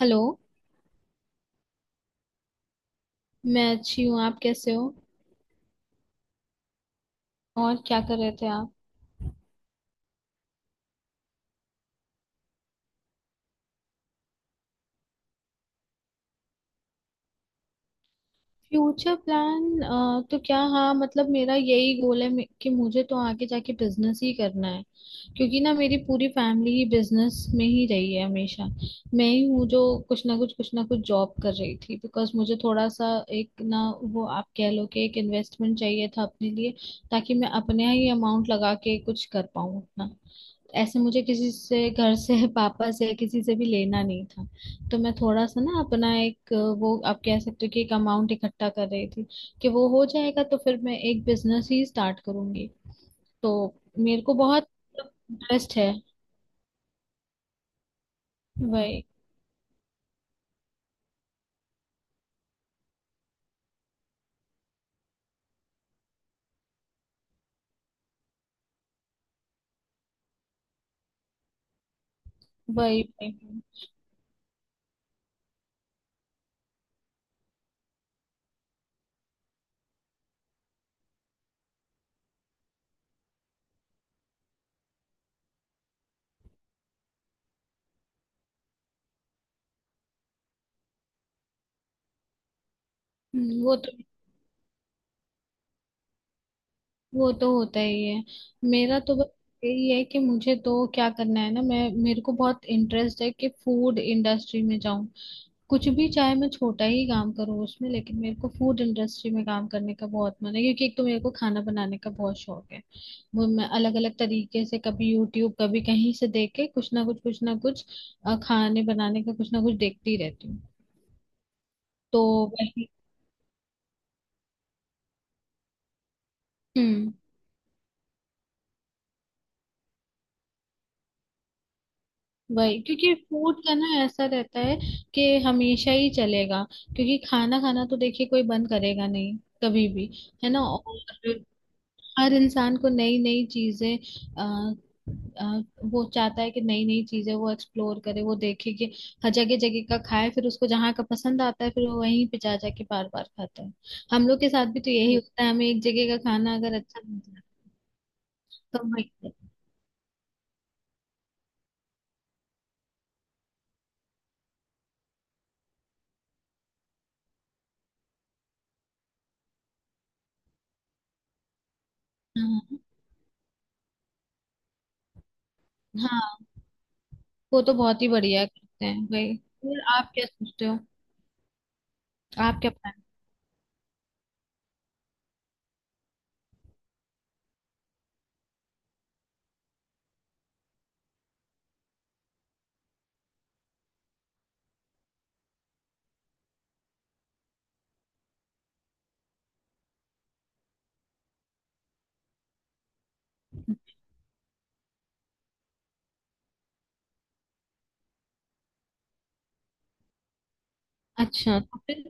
Hello. मैं अच्छी हूँ। आप कैसे हो? और क्या कर रहे थे आप? फ्यूचर प्लान तो क्या, हाँ मतलब मेरा यही गोल है कि मुझे तो आगे जाके बिजनेस ही करना है। क्योंकि ना मेरी पूरी फैमिली ही बिजनेस में ही रही है हमेशा। मैं ही हूँ जो कुछ ना कुछ जॉब कर रही थी, बिकॉज मुझे थोड़ा सा एक ना, वो आप कह लो कि एक इन्वेस्टमेंट चाहिए था अपने लिए। ताकि मैं अपने ही अमाउंट लगा के कुछ कर पाऊँ अपना। ऐसे मुझे किसी से, घर से, पापा से, किसी से भी लेना नहीं था। तो मैं थोड़ा सा ना अपना एक, वो आप कह सकते हो कि एक अमाउंट इकट्ठा कर रही थी। कि वो हो जाएगा तो फिर मैं एक बिजनेस ही स्टार्ट करूंगी। तो मेरे को बहुत इंटरेस्ट है। वही वही वही। वो तो होता ही है। मेरा तो बस यही है कि मुझे तो क्या करना है ना, मैं मेरे को बहुत इंटरेस्ट है कि फूड इंडस्ट्री में जाऊं। कुछ भी चाहे मैं छोटा ही काम करूँ उसमें, लेकिन मेरे को फूड इंडस्ट्री में काम करने का बहुत मन है क्योंकि एक तो मेरे को खाना बनाने का बहुत शौक है। वो मैं अलग अलग तरीके से कभी यूट्यूब कभी कहीं से देख के कुछ ना कुछ खाने बनाने का कुछ ना कुछ देखती रहती हूँ। तो वही। हम्म। वही। क्योंकि फूड का ना ऐसा रहता है कि हमेशा ही चलेगा, क्योंकि खाना खाना तो देखिए कोई बंद करेगा नहीं कभी भी। है ना। और हर इंसान को नई नई चीजें अ, अ, वो चाहता है कि नई नई चीजें वो एक्सप्लोर करे, वो देखे कि हर जगह जगह का खाए, फिर उसको जहाँ का पसंद आता है फिर वो वहीं पे जा जाके बार बार खाता है। हम लोग के साथ भी तो यही होता है, हमें एक जगह का खाना अगर अच्छा नहीं लगा तो हम हाँ हाँ। वो तो बहुत ही बढ़िया करते हैं भाई। फिर आप क्या सोचते हो? आप क्या प्लान? अच्छा तो फिर।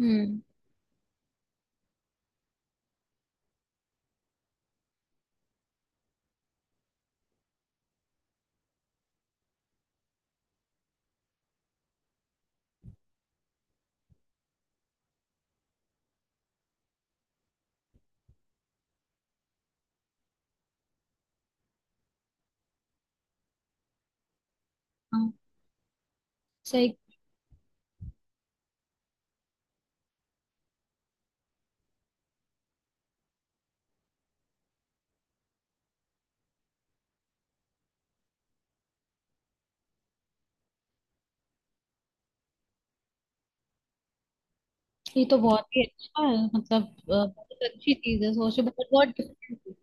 हम्म। हाँ, सही। ये तो बहुत ही अच्छा है, मतलब बहुत अच्छी चीज है, सोशल बट बहुत डिफरेंट।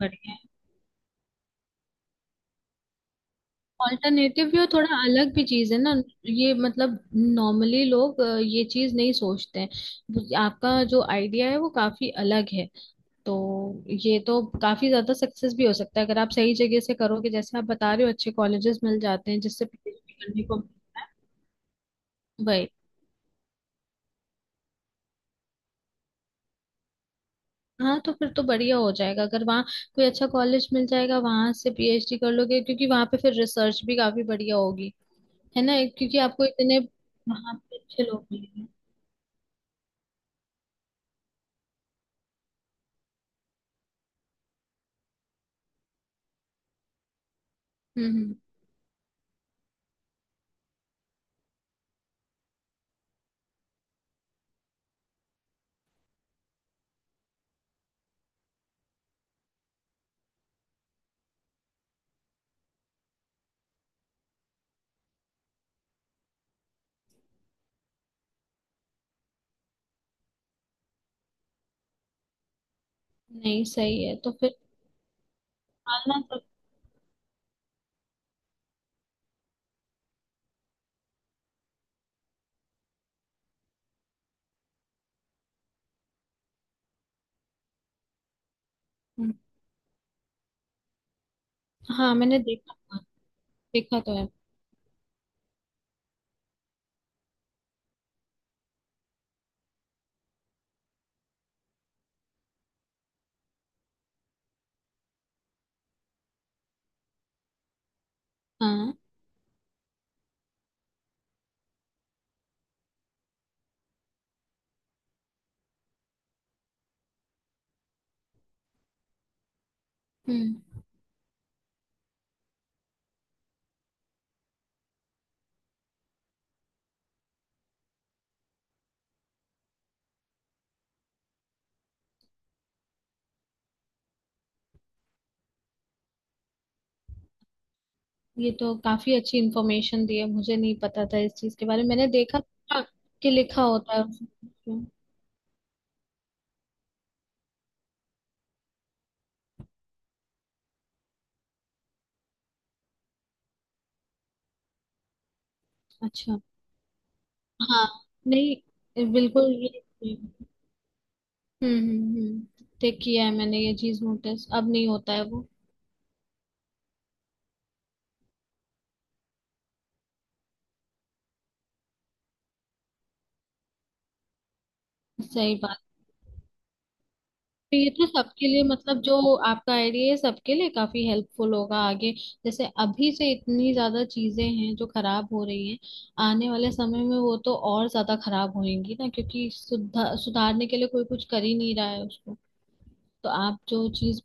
बढ़िया है। ऑल्टरनेटिव भी, और थोड़ा अलग भी चीज है ना। ये मतलब नॉर्मली लोग ये चीज नहीं सोचते हैं, आपका जो आइडिया है वो काफी अलग है। तो ये तो काफी ज्यादा सक्सेस भी हो सकता है, अगर आप सही जगह से करोगे, जैसे आप बता रहे हो अच्छे कॉलेजेस मिल जाते हैं जिससे पीएचडी करने को मिलता है। वही। हाँ तो फिर तो बढ़िया हो जाएगा, अगर वहाँ कोई अच्छा कॉलेज मिल जाएगा, वहां से पीएचडी कर लोगे, क्योंकि वहां पे फिर रिसर्च भी काफी बढ़िया होगी, है ना। क्योंकि आपको इतने वहां पे अच्छे लोग मिलेंगे। हम्म। नहीं सही है तो फिर आना तो। हम्म, हाँ मैंने देखा था, देखा तो है। हाँ। हम्म। ये तो काफी अच्छी इंफॉर्मेशन दी है, मुझे नहीं पता था इस चीज के बारे में, मैंने देखा था कि लिखा होता है उसमें। अच्छा। हाँ। नहीं बिल्कुल। ये। ठीक किया है मैंने ये चीज नोटिस, अब नहीं होता है वो। सही बात। तो ये तो सबके लिए, मतलब जो आपका आइडिया है सबके लिए काफी हेल्पफुल होगा आगे। जैसे अभी से इतनी ज्यादा चीजें हैं जो खराब हो रही हैं, आने वाले समय में वो तो और ज्यादा खराब होंगी ना, क्योंकि सुधार सुधारने के लिए कोई कुछ कर ही नहीं रहा है उसको। तो आप जो चीज।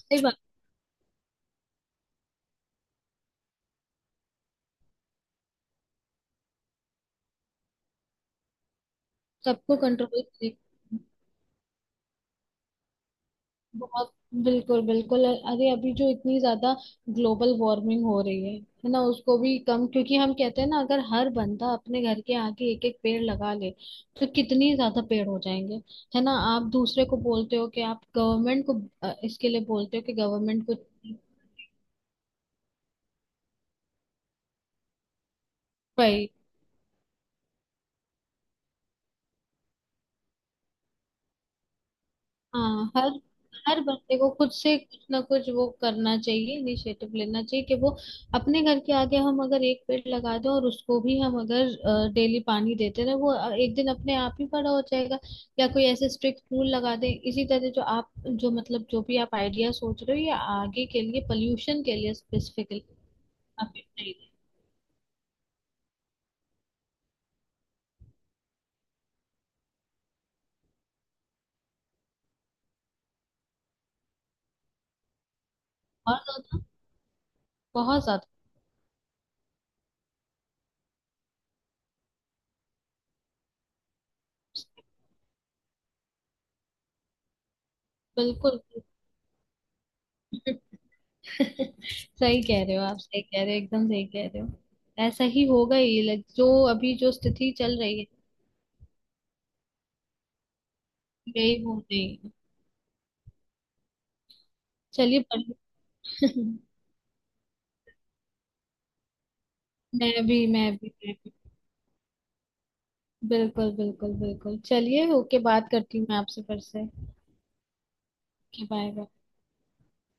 सही बात। सबको कंट्रोल। बहुत। बिल्कुल बिल्कुल। अरे अभी जो इतनी ज्यादा ग्लोबल वार्मिंग हो रही है ना, उसको भी कम, क्योंकि हम कहते हैं ना, अगर हर बंदा अपने घर के आगे एक एक पेड़ लगा ले तो कितनी ज्यादा पेड़ हो जाएंगे। है ना, आप दूसरे को बोलते हो कि आप गवर्नमेंट को इसके लिए बोलते हो कि गवर्नमेंट को। हाँ। हर हर बंदे को खुद से कुछ ना कुछ वो करना चाहिए, इनिशिएटिव लेना चाहिए कि वो अपने घर के आगे हम अगर एक पेड़ लगा दें और उसको भी हम अगर डेली पानी देते रहे वो एक दिन अपने आप ही बड़ा हो जाएगा। या कोई ऐसे स्ट्रिक्ट रूल लगा दें, इसी तरह जो आप जो मतलब जो भी आप आइडिया सोच रहे हो ये आगे के लिए पोल्यूशन के लिए स्पेसिफिकली काफी सही है। बहुत ज्यादा। बहुत ज्यादा। बिल्कुल सही कह रहे हो आप, सही कह रहे हो, एकदम सही कह रहे हो। ऐसा ही होगा ही, लाइक जो अभी जो स्थिति चल रही है यही हो रही है। चलिए बढ़िया। मैं भी मैं भी मैं भी। बिल्कुल बिल्कुल बिल्कुल। चलिए ओके, बात करती हूँ मैं आपसे फिर से। Bye bye.